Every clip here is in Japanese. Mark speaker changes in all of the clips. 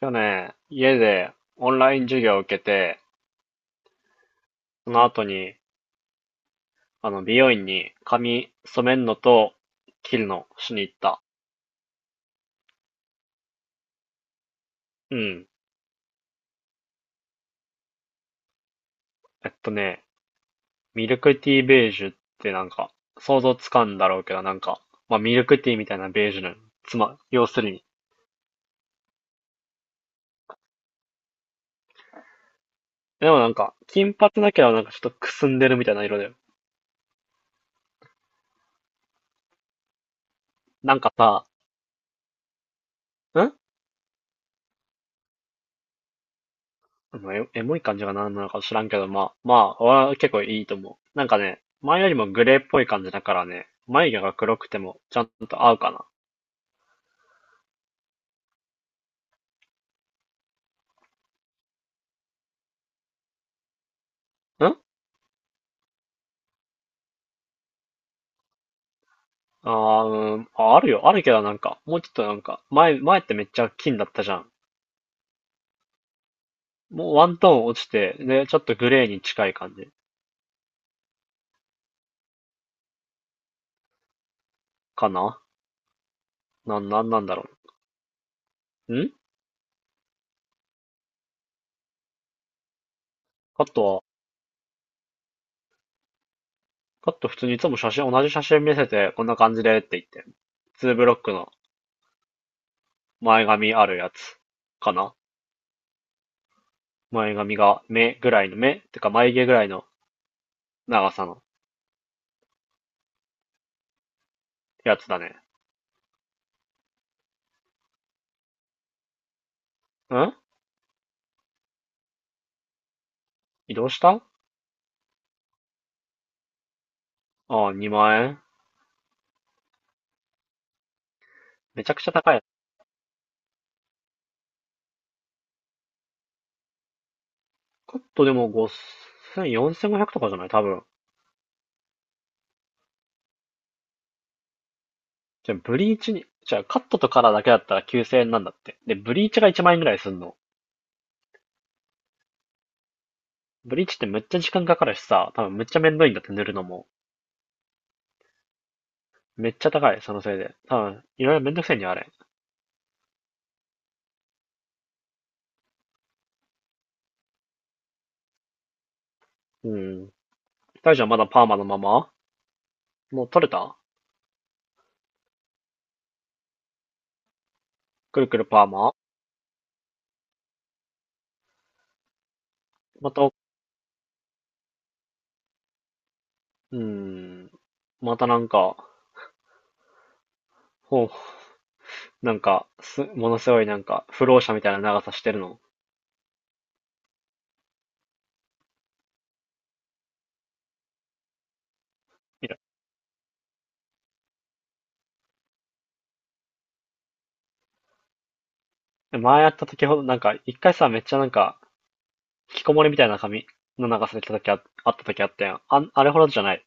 Speaker 1: 去年、家でオンライン授業を受けて、その後に、美容院に髪染めるのと切るのしに行った。うん。えっとね、ミルクティーベージュってなんか、想像つかんだろうけど、なんか、まあ、ミルクティーみたいなベージュの、要するに。でもなんか、金髪だけどなんかちょっとくすんでるみたいな色だよ。なんかさ、んまあの、エモい感じが何なのか知らんけど、まあ、俺は結構いいと思う。なんかね、前よりもグレーっぽい感じだからね、眉毛が黒くてもちゃんと合うかな。うん、あるよ、あるけどなんか、もうちょっとなんか、前ってめっちゃ金だったじゃん。もうワントーン落ちて、で、ちょっとグレーに近い感じかな。なんなんだろう。カットは、カット普通にいつも写真、同じ写真見せて、こんな感じでって言って、ツーブロックの前髪あるやつかな。前髪が目ぐらいの目てか眉毛ぐらいの長さのやつだね。ん移動した。ああ、2万円。めちゃくちゃ高い。カットでも5千0 0 4500とかじゃない多分。じゃあ、カットとカラーだけだったら9千円なんだって。で、ブリーチが1万円ぐらいすんの。ブリーチってめっちゃ時間かかるしさ、多分めっちゃめんどいんだって塗るのも。めっちゃ高い、そのせいで。多分、いろいろめんどくせえにあれ。うん。大丈夫。まだパーマのまま。もう取れた。くるくるパーマ。また、うーん。またなんか、ほう、なんか、ものすごいなんか、不老者みたいな長さしてるの。いや、前やった時ほど、なんか、一回さ、めっちゃなんか、引きこもりみたいな髪の長さで来た時あった時あったやん。あれほどじゃない。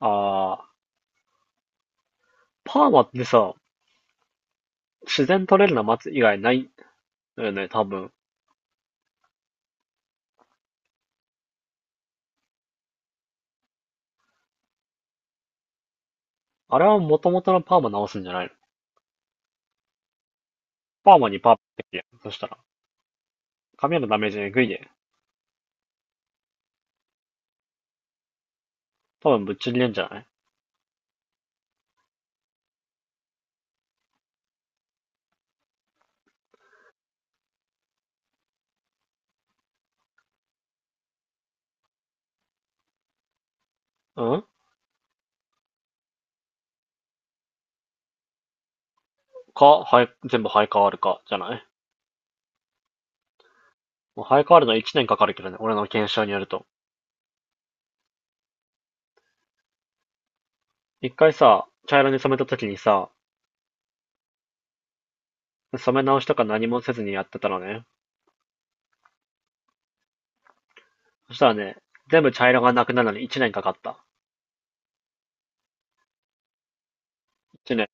Speaker 1: あー、パーマってさ、自然取れるの待つ以外ないのよね、多分。あれは元々のパーマ直すんじゃないの？パーマにパーマってやん。そしたら、髪へのダメージえぐいで。多分ぶっちぎれんじゃない？うん。か、はい、全部生え変わるか、じゃない？もう生え変わるの1年かかるけどね、俺の検証によると。一回さ、茶色に染めたときにさ、染め直しとか何もせずにやってたらね、そしたらね、全部茶色がなくなるのに一年かかった。一年。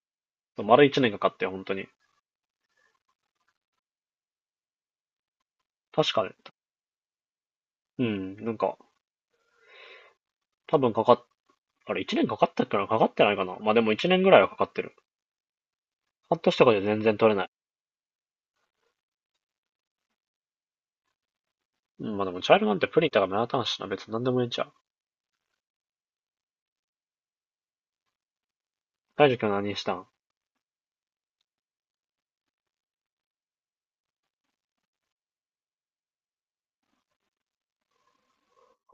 Speaker 1: 丸一年かかったよ、本当に。確かね。うん、なんか、多分かかっ、あれ一年かかったっけな、かかってないかな、まあでも一年ぐらいはかかってる。半年とかで全然取れない。うん、まあでも茶色なんてプリンとか目立たんしな、別に何でもいいんちゃう。大樹君は何したん？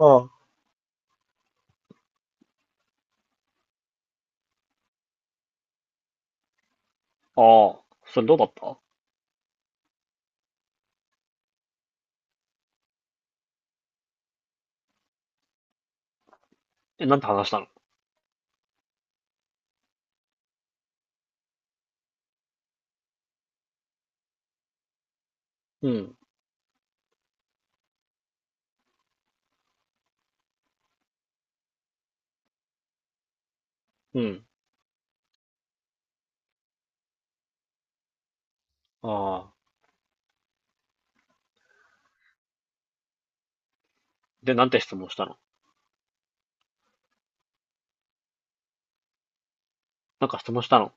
Speaker 1: ああああ、それどうだった？え、なんて話したの？うん、うん、ああ。で、なんて質問したの？なんか質問したの？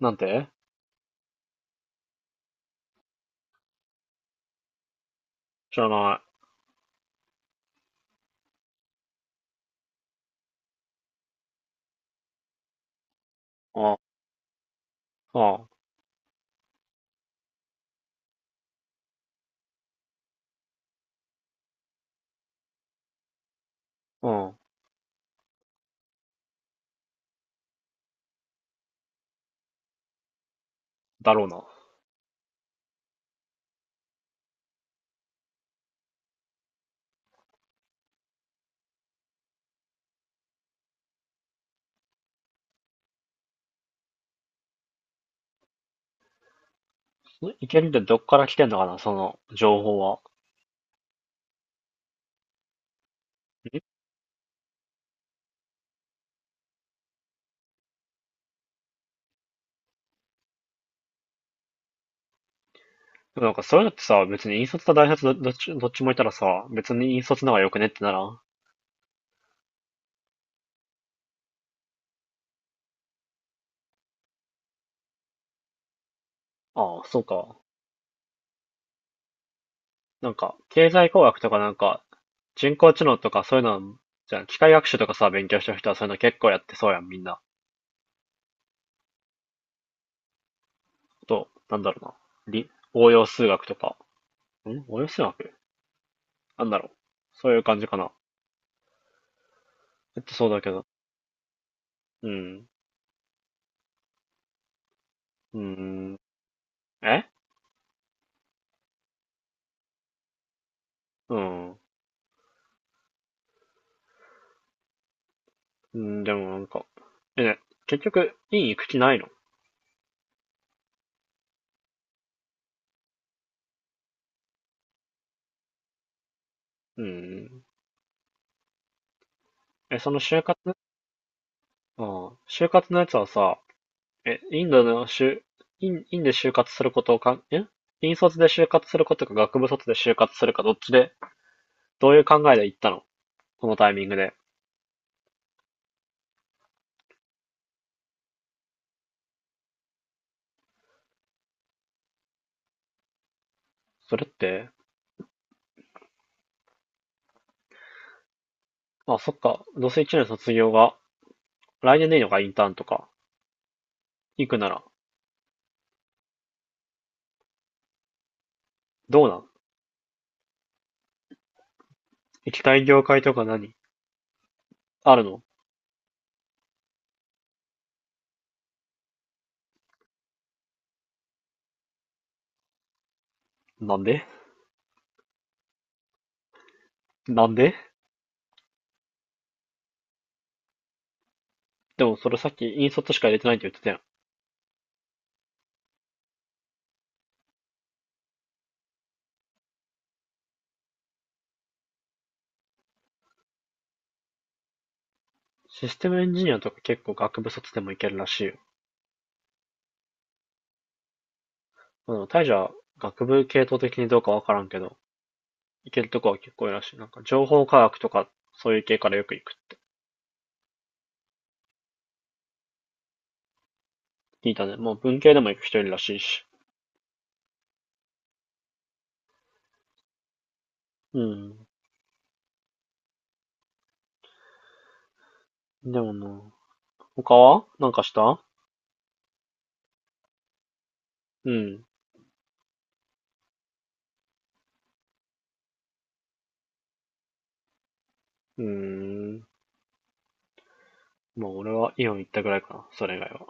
Speaker 1: なんて？知らない。あ、あ、うん。だろうな。いけるってどっから来てんのかな、その情報は。んでもなんかそういうのってさ、別に引率と大卒どっちもいたらさ、別に引率の方が良くねってならん？ああ、そうか。なんか、経済工学とかなんか、人工知能とかそういうの、じゃあ機械学習とかさ、勉強してる人はそういうの結構やってそうやん、みんな。あと、なんだろうな。応用数学とか。応用数学。なんだろう。そういう感じかな。そうだけど。うん。うーん。えうん。うん、でもなんか、え、結局、院行く気ないの？うん。え、その就活ああ、就活のやつはさ、え、インドの就、院で就活することをかん、え院卒で就活することか学部卒で就活するかどっちで、どういう考えで行ったの、このタイミングで？それって、あ、そっか、どうせ一年卒業が、来年でいいのか？インターンとか、行くなら、どうなん？行きたい業界とか何あるの？なんで？なんで？でもそれさっき引卒しか入れてないって言ってたやん。システムエンジニアとか結構学部卒でもいけるらしいよ。まあでも大樹は学部系統的にどうかわからんけど、いけるとこは結構いるらしい。なんか情報科学とかそういう系からよく行く。聞いたね。もう文系でも行く人いるらしいし。うん。でもな、他はなんかした？うん。うーん。まあ俺はイオン行ったぐらいかな。それ以外は。